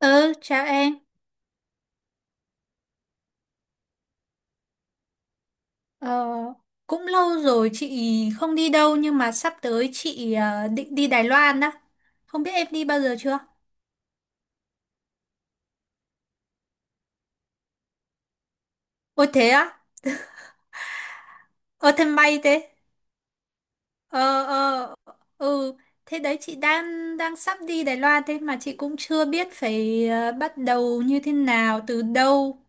Ừ, chào em. Ờ, cũng lâu rồi chị không đi đâu nhưng mà sắp tới chị định đi Đài Loan đó. Không biết em đi bao giờ chưa? Ôi thế á? Ờ, thế may thế. Ờ ờ ừ, Thế đấy chị đang đang sắp đi Đài Loan thế mà chị cũng chưa biết phải bắt đầu như thế nào, từ đâu.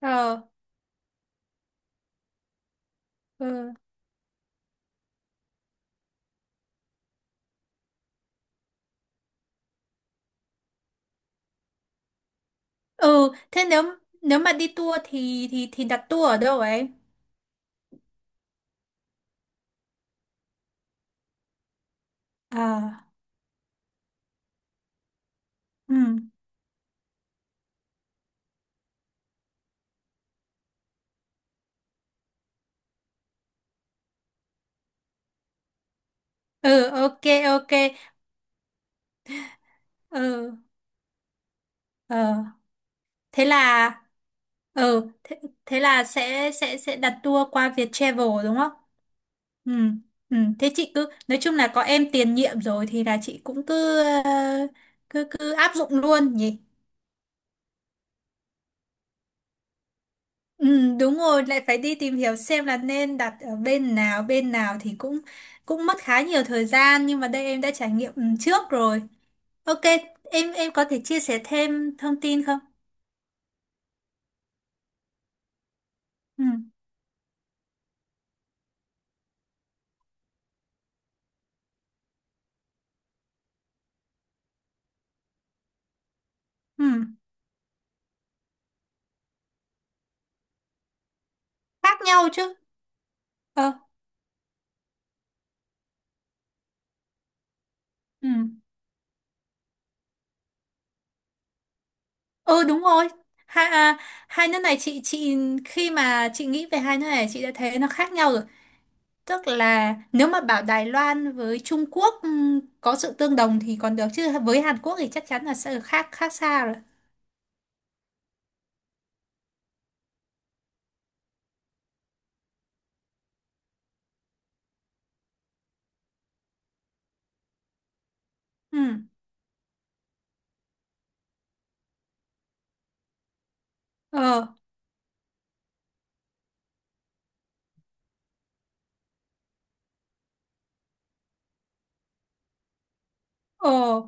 Ờ, ừ. Ừ, thế nếu nếu mà đi tour thì đặt tour ở đâu ấy? À, ừ. Ừ, ok, ok. Ừ. Ờ thế là ờ thế, Thế là sẽ đặt tour qua Viettravel đúng không? Ừ, ừ, thế chị cứ nói chung là có em tiền nhiệm rồi thì là chị cũng cứ ờ, cứ cứ áp dụng luôn nhỉ. Ừ, đúng rồi lại phải đi tìm hiểu xem là nên đặt ở bên nào, bên nào thì cũng cũng mất khá nhiều thời gian nhưng mà đây em đã trải nghiệm trước rồi. Ok, em có thể chia sẻ thêm thông tin không? Ừ, ừ, khác nhau chứ. Ờ, ừ, ừ, đúng rồi. Hai à, hai nước này chị khi mà chị nghĩ về hai nước này chị đã thấy nó khác nhau rồi. Tức là nếu mà bảo Đài Loan với Trung Quốc có sự tương đồng thì còn được chứ với Hàn Quốc thì chắc chắn là sẽ khác khác xa rồi. Ừ, ờ, ờ,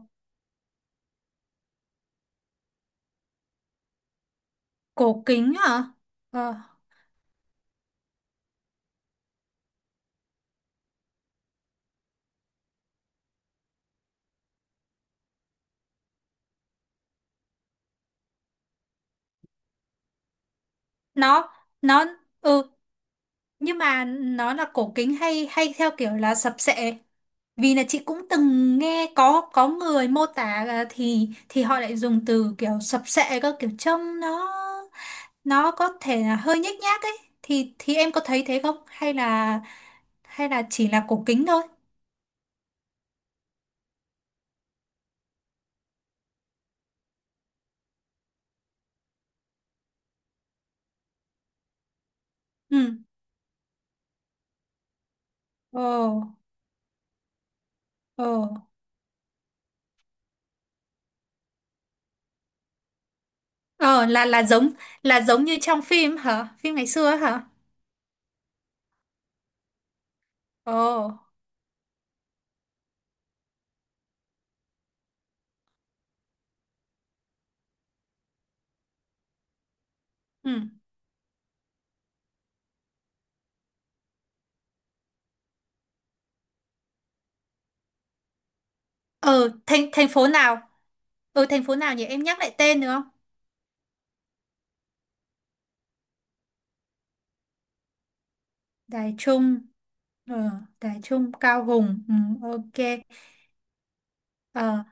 cổ kính hả? Ờ nó nó ừ Nhưng mà nó là cổ kính hay hay theo kiểu là sập sệ. Vì là chị cũng từng nghe có người mô tả là thì họ lại dùng từ kiểu sập sệ cơ, kiểu trông nó có thể là hơi nhếch nhác ấy, thì em có thấy thế không, hay là hay là chỉ là cổ kính thôi? Ừ, ồ, ồ, ờ, là giống như trong phim hả? Phim ngày xưa ấy hả? Ồ. ừ ờ, thành thành phố nào? Ừ, thành phố nào nhỉ, em nhắc lại tên được không? Đài Trung. Ờ, Đài Trung, Cao Hùng. Ừ, ok. Ờ.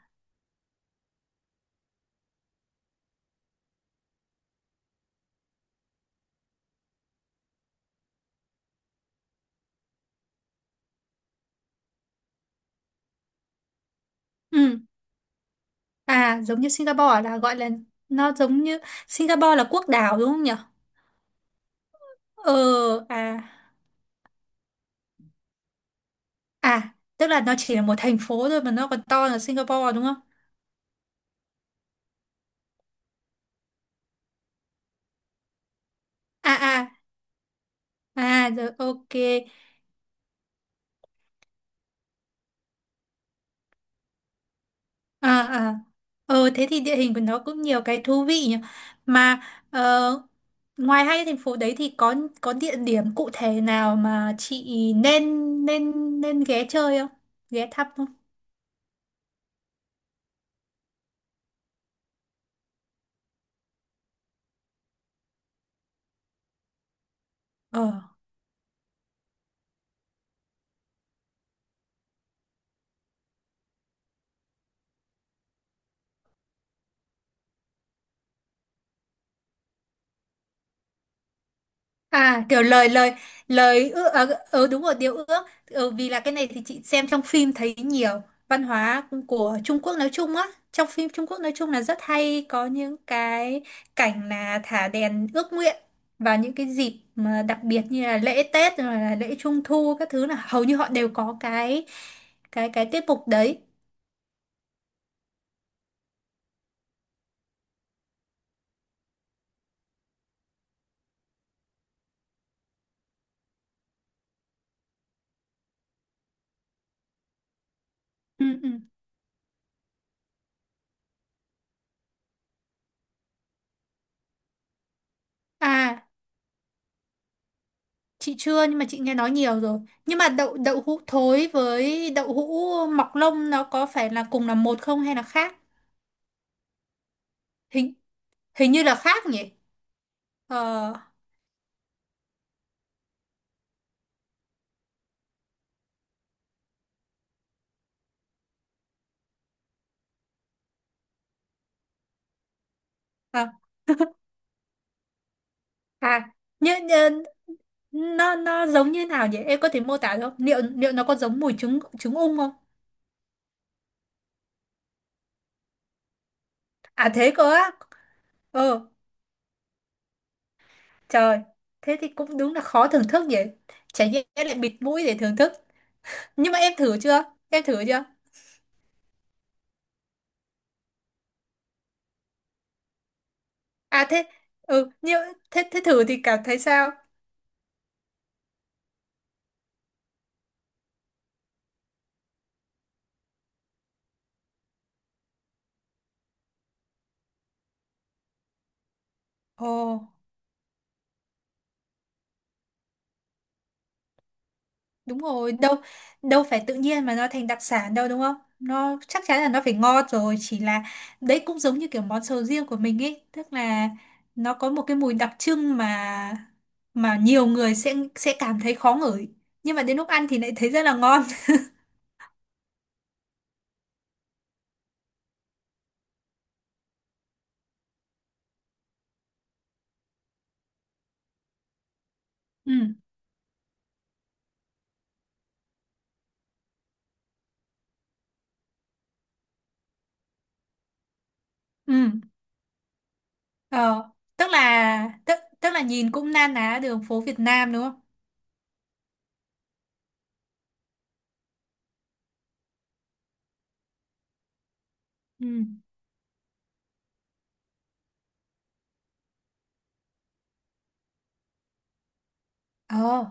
Ừ. À, giống như Singapore là gọi là nó giống như Singapore là quốc đảo đúng không nhỉ? Ờ, à, à, tức là nó chỉ là một thành phố thôi mà nó còn to là Singapore đúng không? À, à, à, rồi, ok. À, à. Ờ, thế thì địa hình của nó cũng nhiều cái thú vị nhỉ. Mà ờ, ngoài hai cái thành phố đấy thì có địa điểm cụ thể nào mà chị nên nên nên ghé chơi không? Ghé thăm không? Ờ. À, kiểu lời lời lời ước. Ờ, Đúng rồi, điều ước. Ờ, Vì là cái này thì chị xem trong phim thấy nhiều văn hóa của Trung Quốc nói chung á, trong phim Trung Quốc nói chung là rất hay có những cái cảnh là thả đèn ước nguyện. Và những cái dịp mà đặc biệt như là lễ Tết rồi là lễ Trung thu các thứ là hầu như họ đều có cái tiết mục đấy. Ừ, ừ. À, chị chưa nhưng mà chị nghe nói nhiều rồi. Nhưng mà đậu đậu hũ thối với đậu hũ mọc lông nó có phải là cùng là một không hay là khác? Hình hình như là khác nhỉ? Ờ, à, à, như, như, nó giống như nào nhỉ? Em có thể mô tả được không? Liệu liệu nó có giống mùi trứng trứng ung không? À thế cơ á. Ờ, trời. Thế thì cũng đúng là khó thưởng thức nhỉ. Chả nhẽ lại bịt mũi để thưởng thức. Nhưng mà em thử chưa? Em thử chưa? À, thế, ừ, nhưng thế thế thử thì cảm thấy sao? Ồ. Đúng rồi, đâu đâu phải tự nhiên mà nó thành đặc sản đâu đúng không? Nó chắc chắn là nó phải ngon rồi, chỉ là đấy cũng giống như kiểu món sầu riêng của mình ấy, tức là nó có một cái mùi đặc trưng mà nhiều người sẽ cảm thấy khó ngửi, nhưng mà đến lúc ăn thì lại thấy rất là ngon. Ừ, ừ. Ờ, tức là nhìn cũng na ná đường phố Việt Nam đúng không? Ừ. Ờ.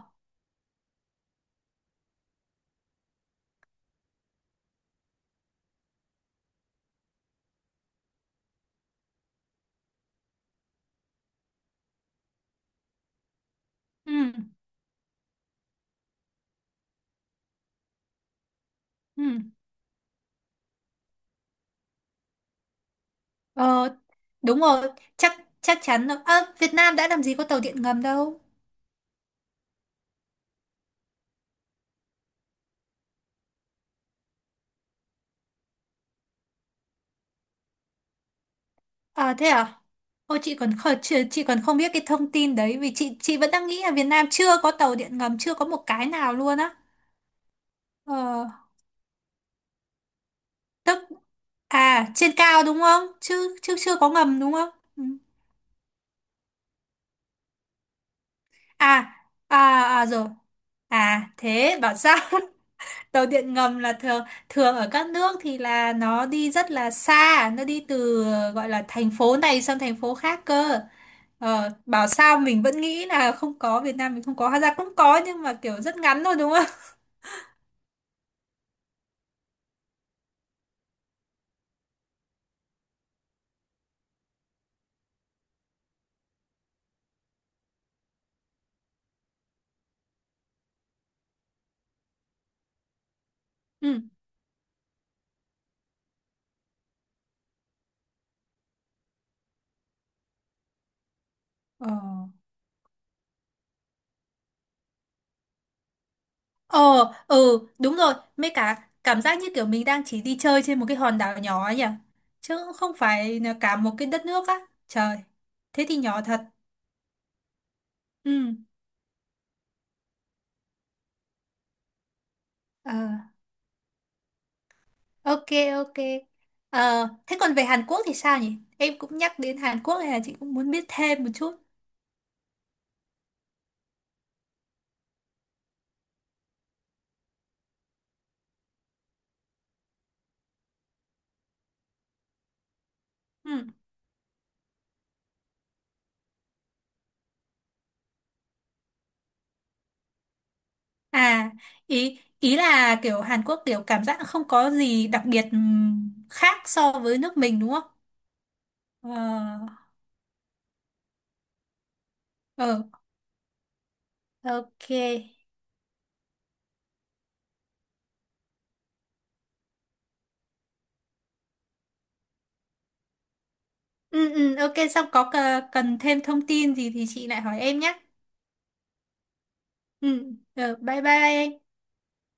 Ừ. Ừ. Ờ, đúng rồi, chắc chắc chắn rồi. Ơ, Việt Nam đã làm gì có tàu điện ngầm đâu. À thế à? Ôi, chị còn không biết cái thông tin đấy vì chị vẫn đang nghĩ là Việt Nam chưa có tàu điện ngầm chưa có một cái nào luôn á. Ờ tức à trên cao đúng không? Chứ chứ chưa có ngầm đúng không? Ừ. À, à, à, rồi. À, thế bảo sao, tàu điện ngầm là thường thường ở các nước thì là nó đi rất là xa, nó đi từ gọi là thành phố này sang thành phố khác cơ. Ờ, bảo sao mình vẫn nghĩ là không có, Việt Nam mình không có, hóa ra cũng có nhưng mà kiểu rất ngắn thôi đúng không? Ừ. Ờ, ờ, ừ, đúng rồi. Mấy cả cảm giác như kiểu mình đang chỉ đi chơi trên một cái hòn đảo nhỏ ấy nhỉ? Chứ cũng không phải là cả một cái đất nước á. Trời, thế thì nhỏ thật. Ừ. Ờ, ok, ok. Ờ, thế còn về Hàn Quốc thì sao nhỉ? Em cũng nhắc đến Hàn Quốc này là chị cũng muốn biết thêm một chút. Ừ. À, ý ý là kiểu Hàn Quốc kiểu cảm giác không có gì đặc biệt khác so với nước mình đúng không? Ờ, ờ, ok. Ừ, ừ, ok, xong có cần thêm thông tin gì thì chị lại hỏi em nhé. Ừ, ờ, bye bye, anh.